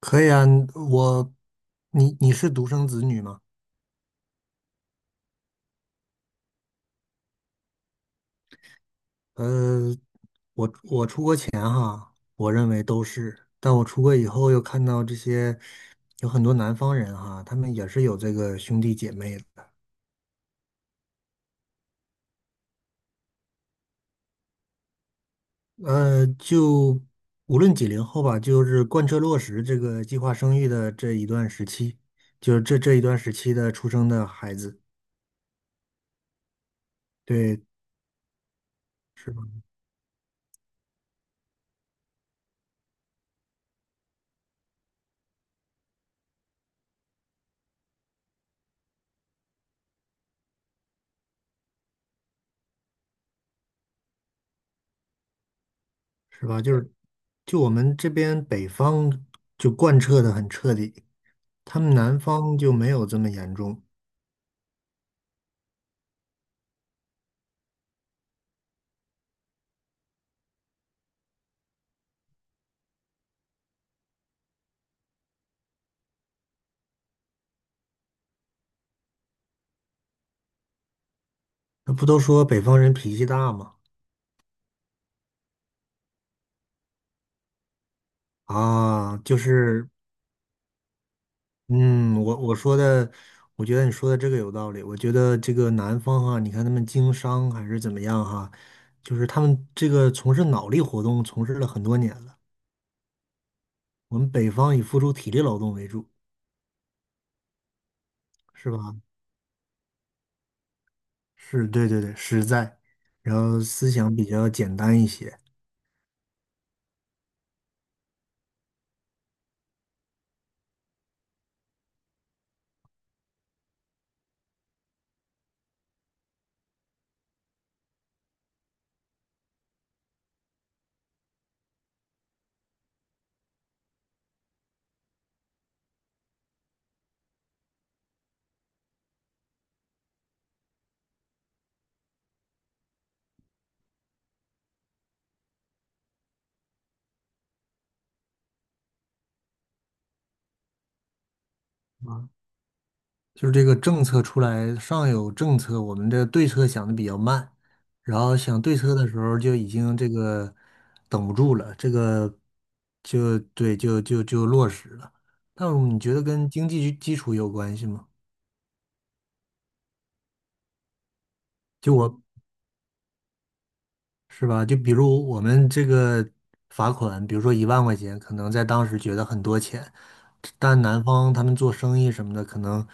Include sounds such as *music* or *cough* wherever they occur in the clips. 可以啊，我，你是独生子女吗？呃，我出国前哈，我认为都是，但我出国以后又看到这些有很多南方人哈，他们也是有这个兄弟姐妹的。就无论几零后吧，就是贯彻落实这个计划生育的这一段时期，就是这一段时期的出生的孩子，对，是吧？是吧？就我们这边北方就贯彻的很彻底。他们南方就没有这么严重。那不都说北方人脾气大吗？啊，就是，嗯，我说的，我觉得你说的这个有道理。我觉得这个南方哈，你看他们经商还是怎么样哈，就是他们这个从事脑力活动从事了很多年了。我们北方以付出体力劳动为主，是吧？是，对对对，实在，然后思想比较简单一些。就是这个政策出来，上有政策，我们的对策想的比较慢，然后想对策的时候就已经这个等不住了，这个就对，就落实了。但你觉得跟经济基础有关系吗？就我是吧？就比如我们这个罚款，比如说一万块钱，可能在当时觉得很多钱，但南方他们做生意什么的，可能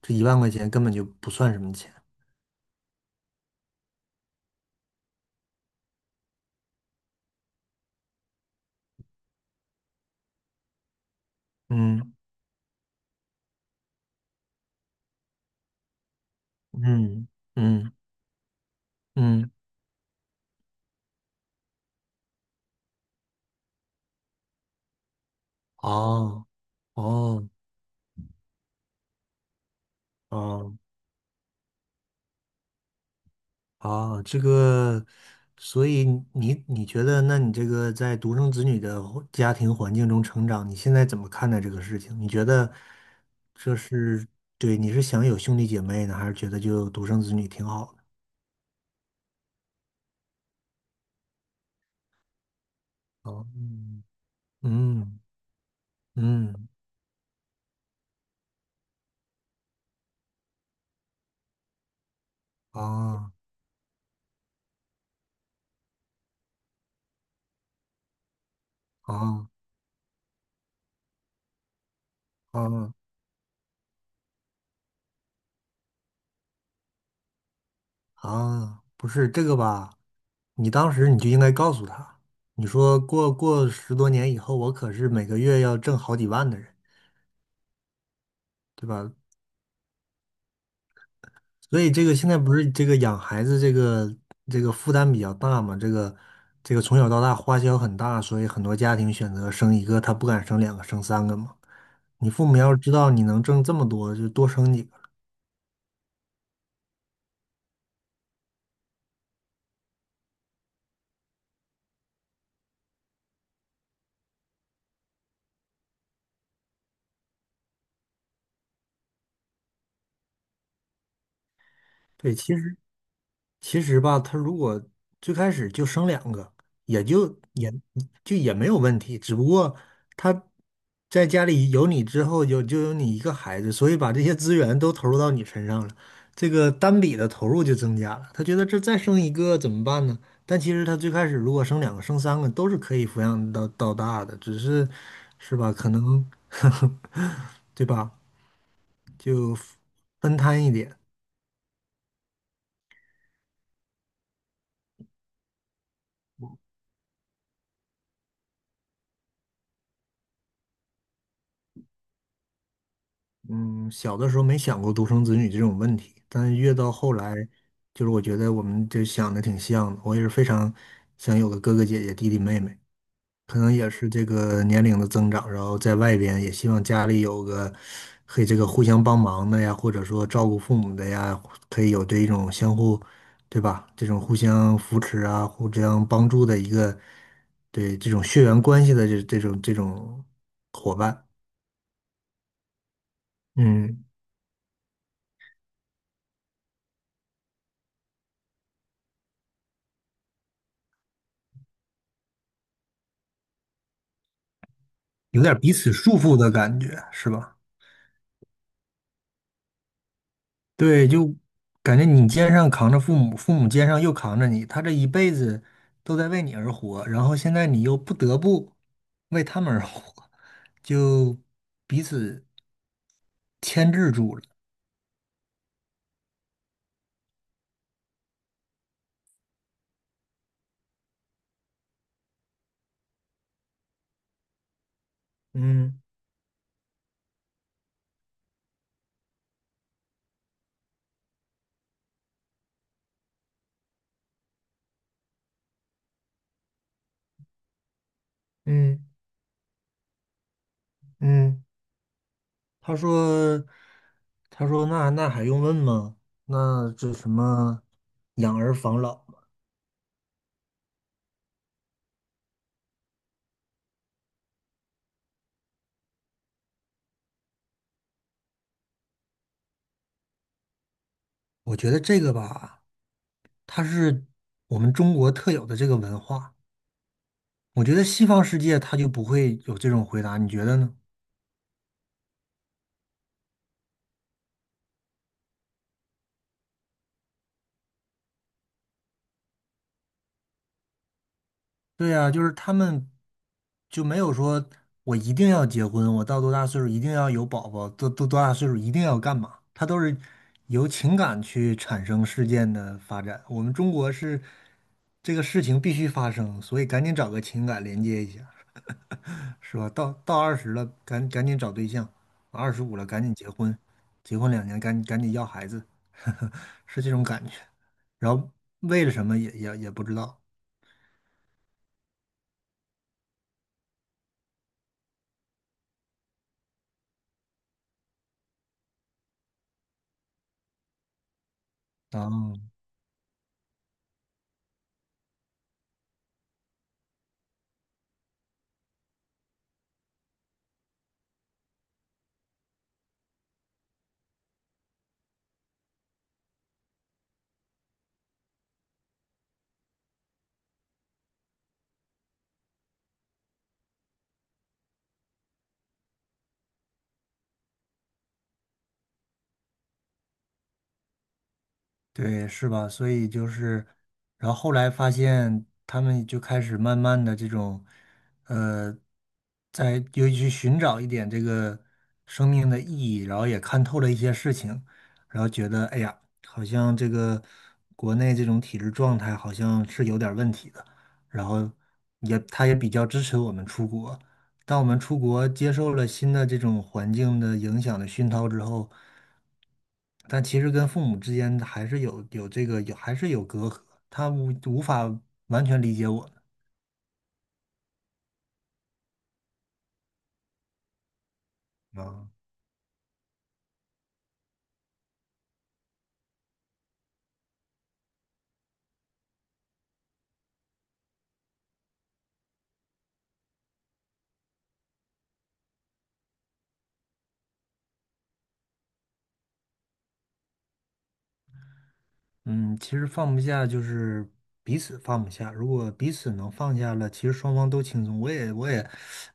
这一万块钱根本就不算什么钱。嗯嗯嗯嗯。哦，哦，哦，哦，这个，所以你觉得，那你这个在独生子女的家庭环境中成长，你现在怎么看待这个事情？你觉得这是对，你是想有兄弟姐妹呢，还是觉得就独生子女挺好的？哦，嗯嗯嗯，哦哦哦。啊，不是这个吧？你当时你就应该告诉他，你说过10多年以后，我可是每个月要挣好几万的人，对吧？所以这个现在不是这个养孩子这个负担比较大嘛？这个这个从小到大花销很大，所以很多家庭选择生一个，他不敢生两个，生三个嘛。你父母要是知道你能挣这么多，就多生几个。对，其实。其实吧，他如果最开始就生两个，也就也也没有问题。只不过他在家里有你之后，有就有你一个孩子，所以把这些资源都投入到你身上了，这个单笔的投入就增加了。他觉得这再生一个怎么办呢？但其实他最开始如果生两个、生三个都是可以抚养到大的，只是是吧？可能 *laughs* 对吧？就分摊一点。嗯，小的时候没想过独生子女这种问题，但是越到后来，就是我觉得我们就想的挺像的。我也是非常想有个哥哥姐姐、弟弟妹妹，可能也是这个年龄的增长，然后在外边也希望家里有个可以这个互相帮忙的呀，或者说照顾父母的呀，可以有这一种相互，对吧？这种互相扶持啊，互相帮助的一个，对这种血缘关系的这种伙伴，嗯。有点彼此束缚的感觉，是吧？对，就感觉你肩上扛着父母，父母肩上又扛着你，他这一辈子都在为你而活，然后现在你又不得不为他们而活，就彼此牵制住了。嗯嗯嗯，他说，他说那还用问吗？那这什么养儿防老嘛？我觉得这个吧，它是我们中国特有的这个文化。我觉得西方世界他就不会有这种回答，你觉得呢？对呀，就是他们就没有说我一定要结婚，我到多大岁数一定要有宝宝，多大岁数一定要干嘛？他都是由情感去产生事件的发展。我们中国是这个事情必须发生，所以赶紧找个情感连接一下。是吧？到二十了，赶紧找对象；25了，赶紧结婚，结婚2年，赶紧要孩子，*laughs* 是这种感觉。然后为了什么也不知道啊。对，是吧？所以就是，然后后来发现他们就开始慢慢的这种，呃，在尤其去寻找一点这个生命的意义，然后也看透了一些事情，然后觉得，哎呀，好像这个国内这种体制状态好像是有点儿问题的，然后也他也比较支持我们出国，当我们出国接受了新的这种环境的影响的熏陶之后，但其实跟父母之间还是有有这个有还是有隔阂，他无法完全理解我们。啊，嗯，其实放不下就是彼此放不下。如果彼此能放下了，其实双方都轻松。我也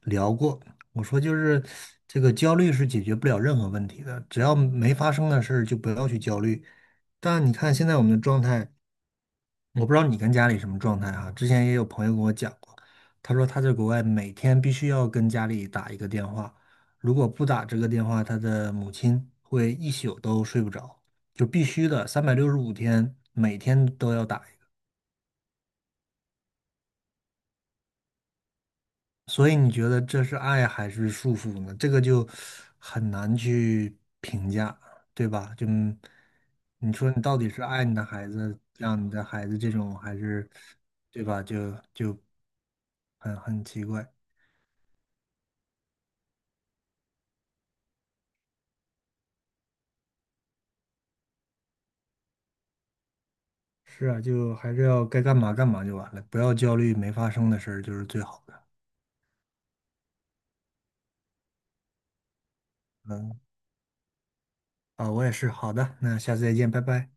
聊过，我说就是这个焦虑是解决不了任何问题的，只要没发生的事儿就不要去焦虑。但你看现在我们的状态。我不知道你跟家里什么状态哈、之前也有朋友跟我讲过，他说他在国外每天必须要跟家里打一个电话，如果不打这个电话，他的母亲会一宿都睡不着，就必须的，365天每天都要打一个。所以你觉得这是爱还是束缚呢？这个就很难去评价，对吧？就你说你到底是爱你的孩子，让你的孩子这种，还是对吧？就很奇怪。是啊，就还是要该干嘛干嘛就完了，不要焦虑没发生的事儿就是最好的。嗯，啊，我也是。好的，那下次再见，拜拜。